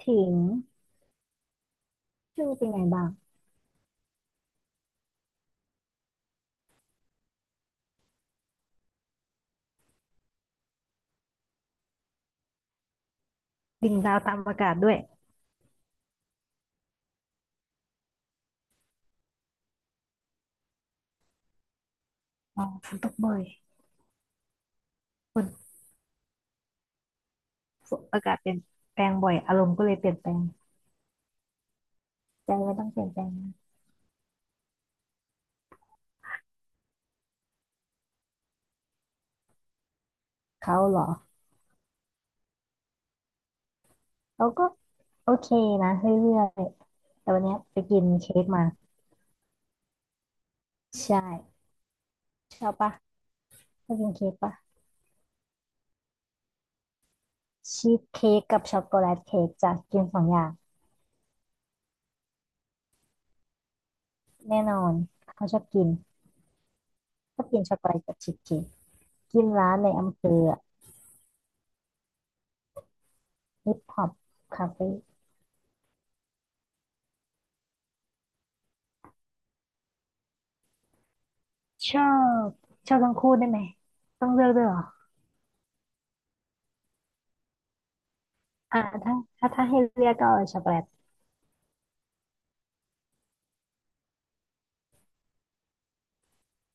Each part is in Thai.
ถิงชื่อเป็นไงบ้างดิ่งดาวตามอากาศด้วยอ๋อฝนตกบ่อยฝนฝนอากาศเปลี่ยนแปลงบ่อยอารมณ์ก็เลยเปลี่ยนแปลงใจไม่ต้องเปลี่ยนแปลงนะเขาเหรอเขาก็โอเคนะเรื่อยๆแต่วันเนี้ยไปกินเค้กมาใช่ชอบปะชอบกินเค้กปะชีสเค้กกับช็อกโกแลตเค้กจะกิน2 อย่างแน่นอนเขาชอบกินชอบกินช็อกโกแลตกับชีสเค้กกินร้านในอำเภอฮิปฮอปคาเฟ่ชอบชอบทั้งคู่ได้ไหมต้องเลือกด้วยเหรอ ถ้าถ้าให้เลือกก็เอาช็อกโกแลต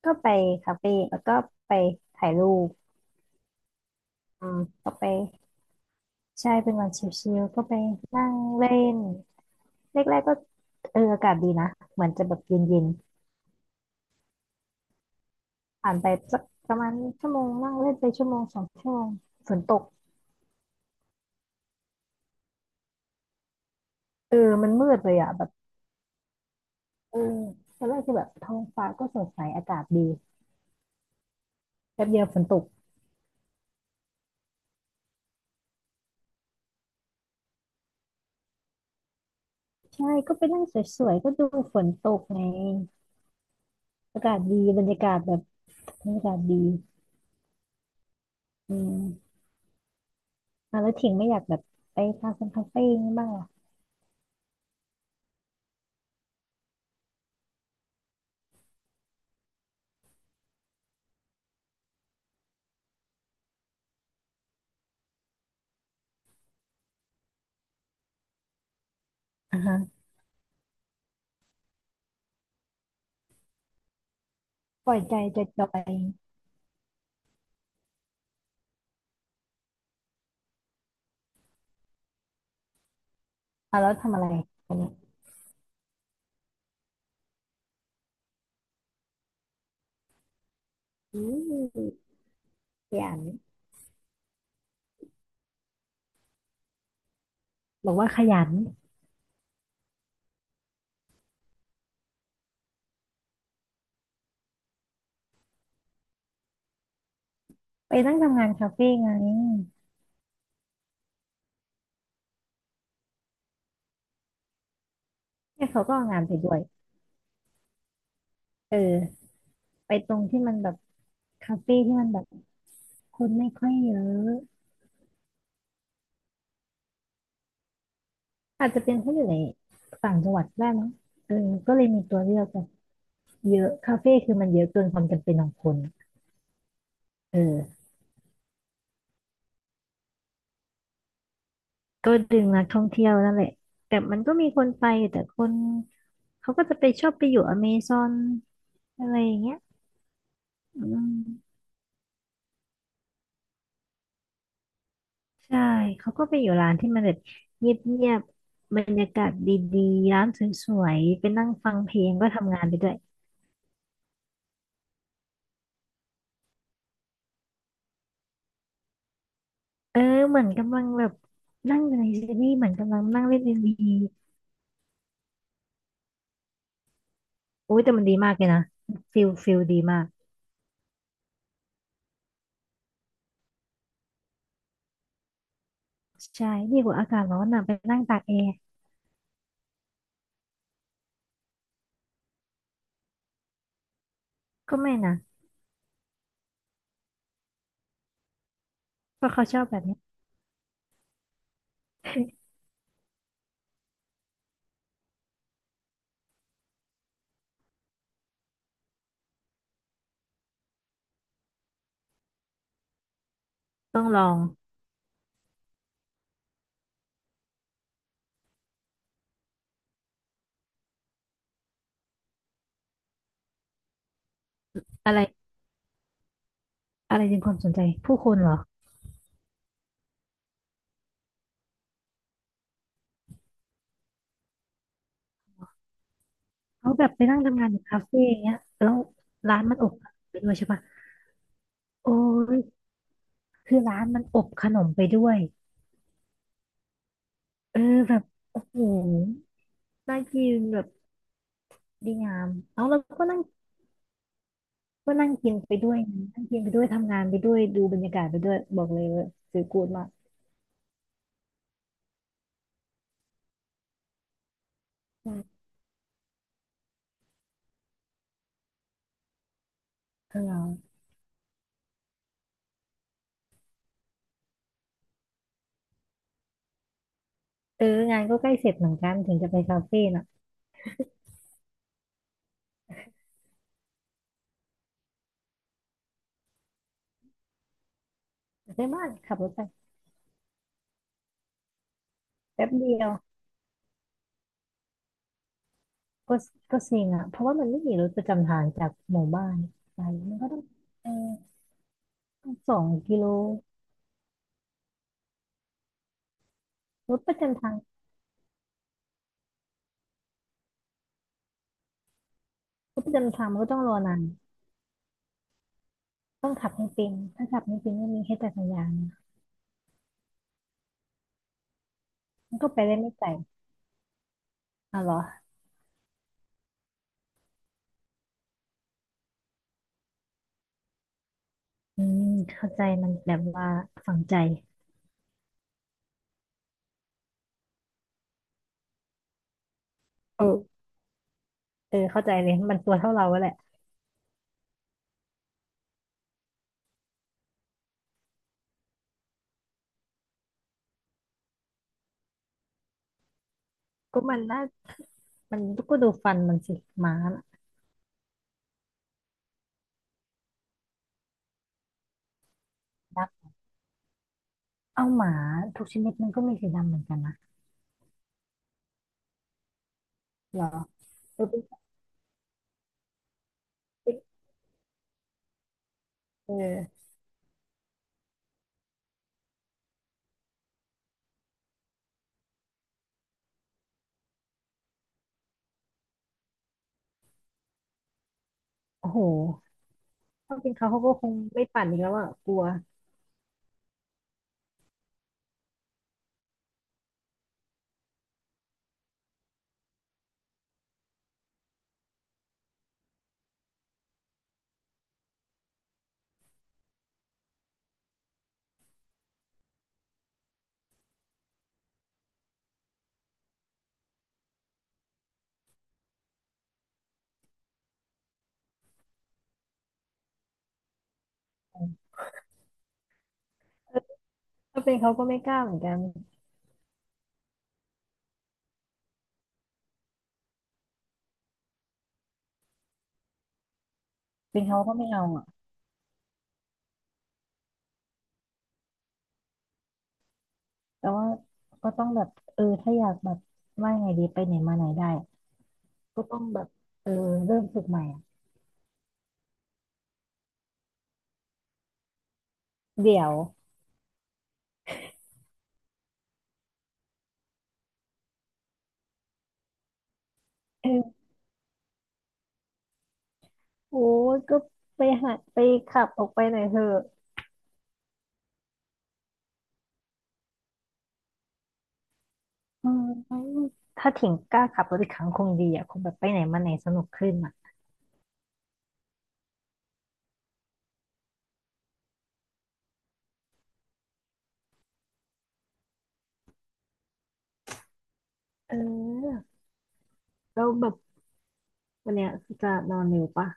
ก็ไปคาเฟ่แล้วก็ไปถ่ายรูปอืมก็ไปใช่เป็นวันชิลๆก็ไปนั่งเล่นแรกๆก็อากาศดีนะเหมือนจะแบบเย็นๆผ่านไปสักประมาณชั่วโมงนั่งเล่นไปชั่วโมง 2 ชั่วโมงฝนตกเออมันมืดเลยอ่ะแบบเออตอนแรกคือแบบท้องฟ้าก็สดใสอากาศดีแป๊บเดียวฝนตกใช่ก็ไปนั่งสวยๆก็ดูฝนตกไงอากาศดีบรรยากาศแบบบรรยากาศดีอืม อ่ะแล้วถิงไม่อยากแบบไปคาเฟ่คาเฟ่ย่งนี้บ้างเหรออ่าฮะปล่อยใจจอยๆอ่ะแล้วทำอะไรกันเนี่ยอืมขยันบอกว่าขยันไปนั่งทำงานคาเฟ่ไงเนี่ยเขาก็เอางานไปด้วยเออไปตรงที่มันแบบคาเฟ่ที่มันแบบคนไม่ค่อยเยอะอาจจะเป็นเพราะอยู่ในต่างจังหวัดได้มั้งเออก็เลยมีตัวเลือกแบบเยอะคาเฟ่คือมันเยอะเกินความจำเป็นของคนเออก็ดึงนักท่องเที่ยวนั่นแหละแต่มันก็มีคนไปแต่คน เขาก็จะไปชอบไปอยู่อเมซอนอะไรอย่างเงี้ยอืมใช่เขาก็ไปอยู่ร้านที่มันแบบเงียบๆบรรยากาศดีๆร้านสวยๆไปนั่งฟังเพลงก็ทำงานไปด้วยเออเหมือนกำลังแบบนั่งอยู่ในซีรีส์เหมือนกำลังนั่งเล่นเอ็มวีโอ้ยแต่มันดีมากเลยนะฟิลฟิลดีมากใช่ดีกว่าอากาศร้อนนะไปนั่งตากแอร์ก็ไม่นะเพราะเขาชอบแบบนี้ต้องลองอะไรอะไรดึงความสนใจผู้คนเหรอ เขาแบบไปนั่งทำงานอยู่คาเฟ่อย่างเงี้ยแล้วร้านมันอบขนมไปด้วยใช่ปะโอ้ยคือร้านมันอบขนมไปด้วยเออแบบโอ้โหน่ากินแบบดีงามเอาแล้วก็นั่งก็นั่งกินไปด้วยนะนั่งกินไปด้วยทำงานไปด้วยดูบรรยากาศไปด้วยบอกเลยว่าซื้อกูดมากอืมเออเอองานก็ใกล้เสร็จเหมือนกันถึงจะไปคาเฟ่น่ะไปบ้านขับรถไปแป๊บเดียวก็ก็เซ็งอ่ะเพราะว่ามันไม่มีรถประจำทางจากหมู่บ้านไปมันก็ต้องเออต้อง2 กิโล รถประจำทางรถประจำทางมันก็ต้องรอนานต้องขับให้เป็นถ้าขับไม่เป็นก็มีให้แค่จักรยานนะมันก็ไปได้ไม่ไกลอ๋อเหรออืมเข้าใจมันแบบว่าฝังใจเออเออเข้าใจเลยมันตัวเท่าเราแหละก็มันน่ามันก็ดูฟันมันสิหมาน่ะนักเอาหมาทุกชนิดมันก็มีสีดำเหมือนกันนะเหรอเออเป็นเป็นเออโอ้โหถ้าเป็นเขาเขาก็คงไม่ปั่นอีกแล้วอ่ะกลัวเออถ้าเป็นเขาก็ไม่กล้าเหมือนกันเป็นเขาก็ไม่เอา แต่ว่าก็ต้องแบบเออถ้าอยากแบบว่าไงดีไปไหนมาไหนได้ก็ต้องแบบเออเริ่มฝึกใหม่อะเดี๋ยวเออโอ้ยก็ไปหาไปขับออกไปหน่อยเถอะเออถ้าถิงกล้าขับรถอีกครั้งคงดีอ่ะคงแบบไปไหนมาไหนสนุกขึ้นอ่ะเออแล้วแบบวันเนี้ยจะนอนเร็วปะ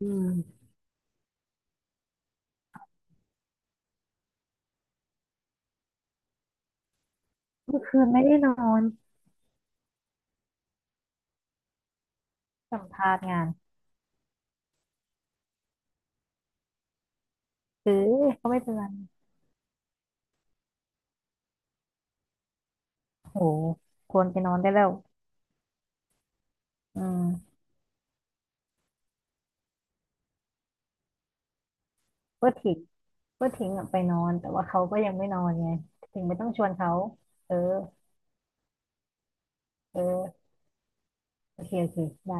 อืมเมื่อคืนไม่ได้นอนสัมภาษณ์งานเออก็ไม่เป็นไรโหควรไปนอนได้แล้วอืม ก็ทิ้งก็ทิ้งอะไปนอน แต่ว่าเขาก็ยังไม่นอนไงถึงไม่ต้องชวนเขา เออ เออโอเคโอเคได้